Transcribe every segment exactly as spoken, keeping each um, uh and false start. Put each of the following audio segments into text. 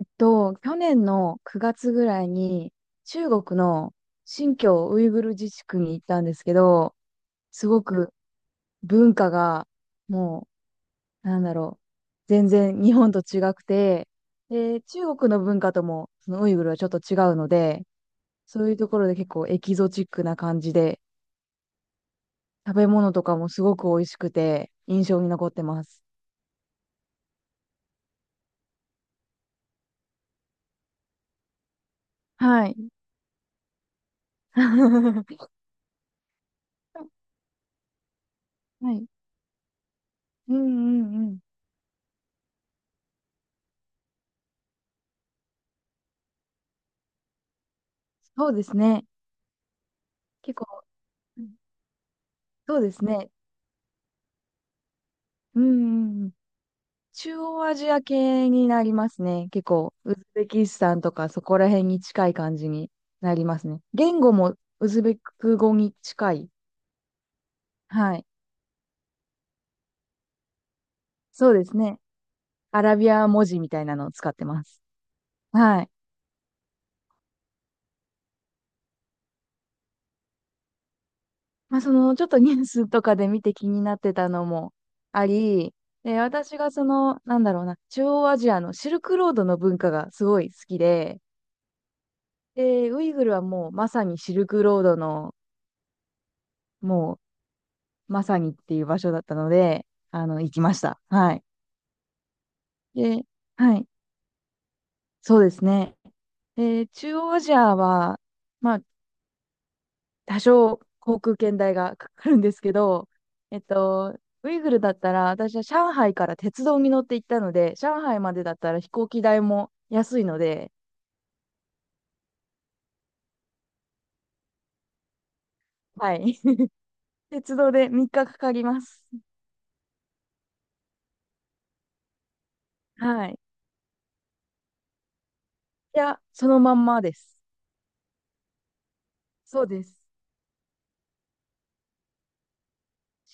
えっと、去年のくがつぐらいに中国の新疆ウイグル自治区に行ったんですけど、すごく文化がもう、なんだろう、全然日本と違くて、で、中国の文化ともそのウイグルはちょっと違うので、そういうところで結構エキゾチックな感じで、食べ物とかもすごく美味しくて印象に残ってます。はい。はい。うんうんうん。そうですね。結構、そうですね。うんうんうん。中央アジア系になりますね。結構、ウズベキスタンとかそこら辺に近い感じになりますね。言語もウズベク語に近い。はい。そうですね。アラビア文字みたいなのを使ってます。はい。まあ、その、ちょっとニュースとかで見て気になってたのもあり、で、私がその、なんだろうな、中央アジアのシルクロードの文化がすごい好きで、で、ウイグルはもうまさにシルクロードのもうまさにっていう場所だったので、あの、行きました。はい。で、はい。そうですね。で、中央アジアは、まあ、多少航空券代がかかるんですけど、えっと、ウイグルだったら、私は上海から鉄道に乗って行ったので、上海までだったら飛行機代も安いので、はい。鉄道でみっかかかかります。はい。いや、そのまんまです。そうです。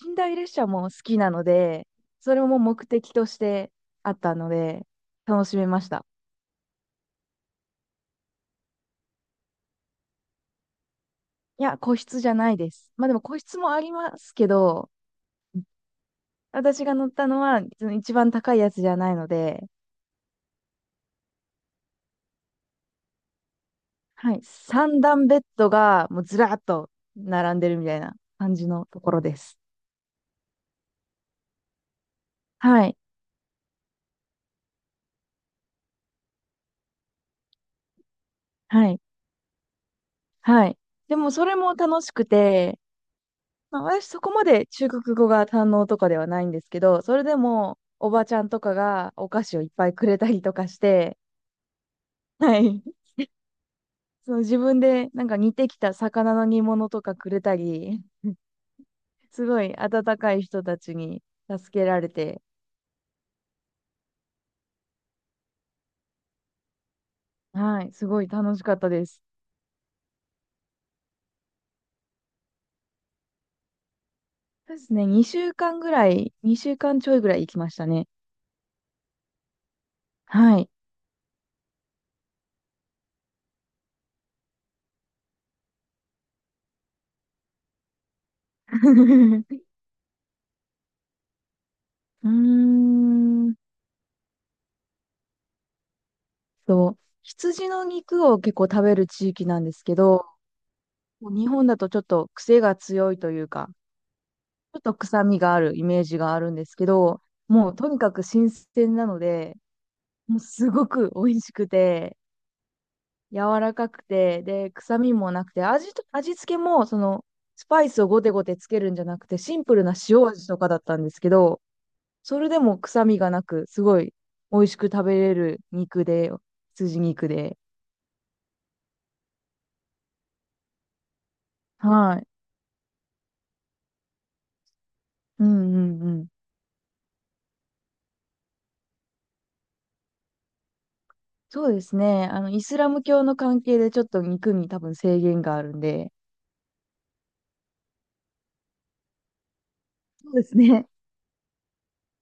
寝台列車も好きなので、それも目的としてあったので、楽しめました。いや、個室じゃないです。まあでも個室もありますけど、私が乗ったのはその一番高いやつじゃないので、はい、三段ベッドがもうずらっと並んでるみたいな感じのところです。はい、はい、はい。でもそれも楽しくて、まあ、私そこまで中国語が堪能とかではないんですけど、それでもおばちゃんとかがお菓子をいっぱいくれたりとかして、はい。その自分でなんか煮てきた魚の煮物とかくれたり、すごい温かい人たちに助けられて、はい、すごい楽しかったです。そうですね、2週間ぐらい、にしゅうかんちょいぐらい行きましたね。はい。うーんと、羊の肉を結構食べる地域なんですけど、もう日本だとちょっと癖が強いというか、ちょっと臭みがあるイメージがあるんですけど、もうとにかく新鮮なので、もうすごく美味しくて、柔らかくて、で、臭みもなくて、味と、味付けも、その、スパイスをゴテゴテつけるんじゃなくて、シンプルな塩味とかだったんですけど、それでも臭みがなく、すごい美味しく食べれる肉で、羊肉で。はい。うんうんうん。そうですね。あの、イスラム教の関係でちょっと肉に多分制限があるんで、そうですね。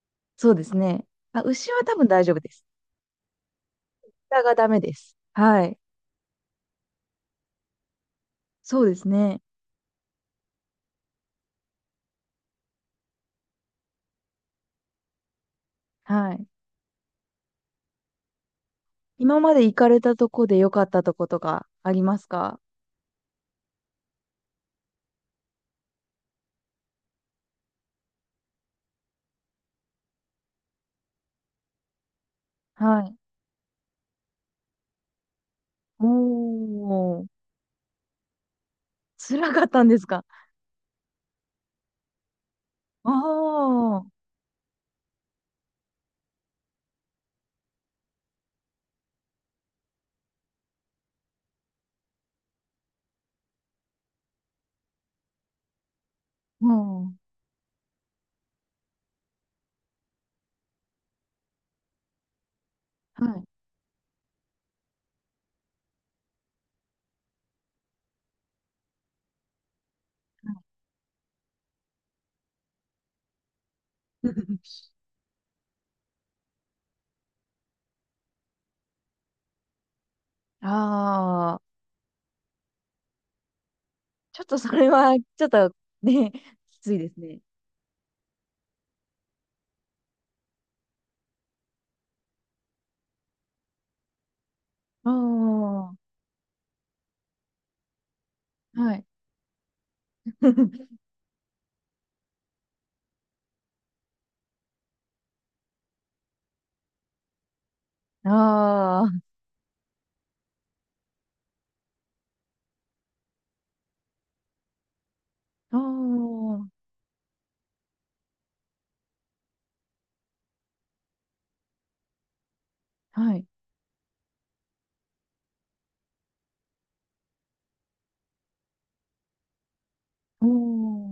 そうですね。あ、牛は多分大丈夫です。豚がダメです。はい。そうですね。はい。今まで行かれたとこで良かったとことかありますか？はい。おー、辛かったんですか？ああー、うん。はい。ああ、ちょっとそれは、ちょっとね、きついですね。ああ、はい。ああ、ああ、はい。お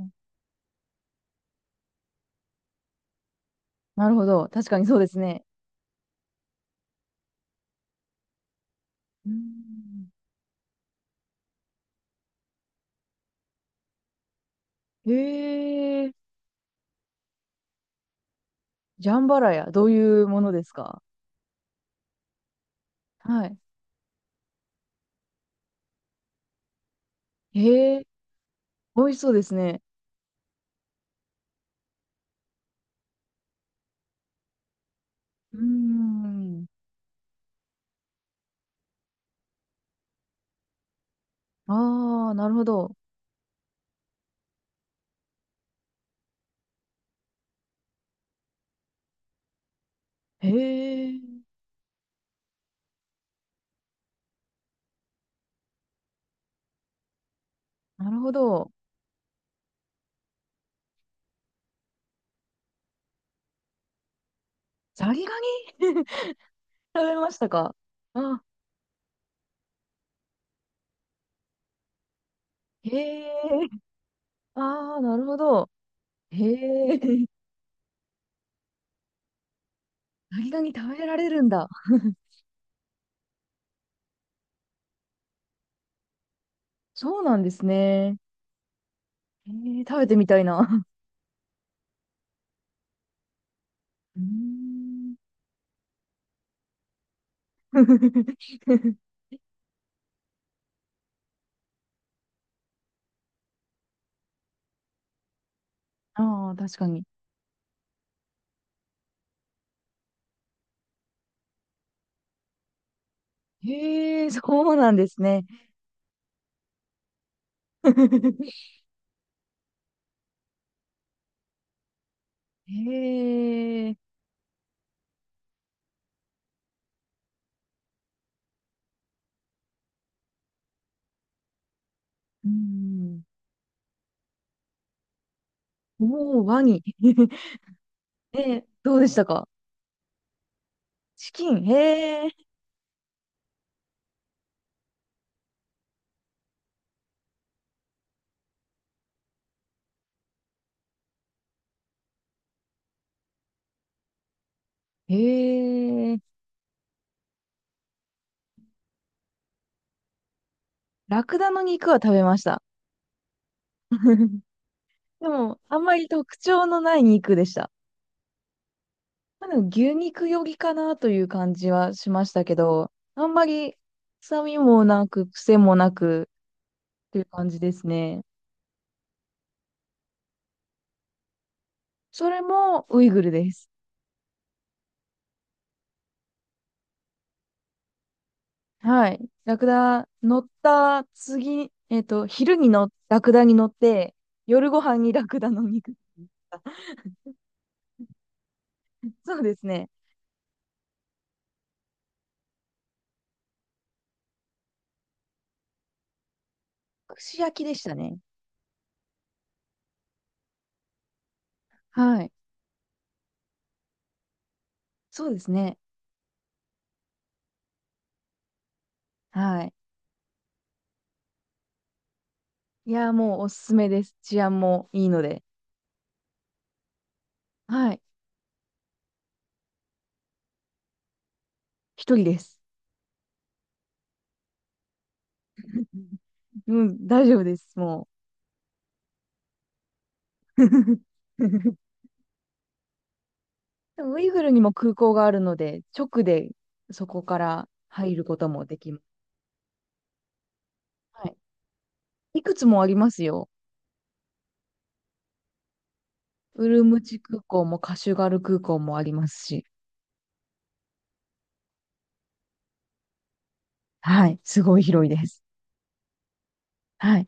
ー、なるほど。確かにそうですね。うん。へえ、ジャンバラヤ、どういうものですか？はい。へえ、美味しそうですね。うーん。ああ、なるほど。へえ、なるほど。ザリガニ 食べましたか？あ、へえ、ああ、なるほど。へえ、ザリガニ食べられるんだ。そうなんですね。へえ、食べてみたいな。うーん ああ、確かに。へえ、そうなんですね。へえ、うん。もうワニ。え、どうでしたか？チキン。へえ、へえ。ラクダの肉は食べました。でも、あんまり特徴のない肉でした。まあ、でも牛肉よりかなという感じはしましたけど、あんまり臭みもなく、癖もなくという感じですね。それもウイグルです。はい。ラクダ乗った次、えっと、昼にのラクダに乗って、夜ご飯にラクダの肉。そうですね。串焼きでしたね。はい。そうですね。はい。いやー、もうおすすめです。治安もいいので。はい。一人です。うん、大丈夫です。もう。でもウイグルにも空港があるので、直でそこから入ることもできます。はい。いくつもありますよ。ウルムチ空港もカシュガル空港もありますし、はい、すごい広いです。はい。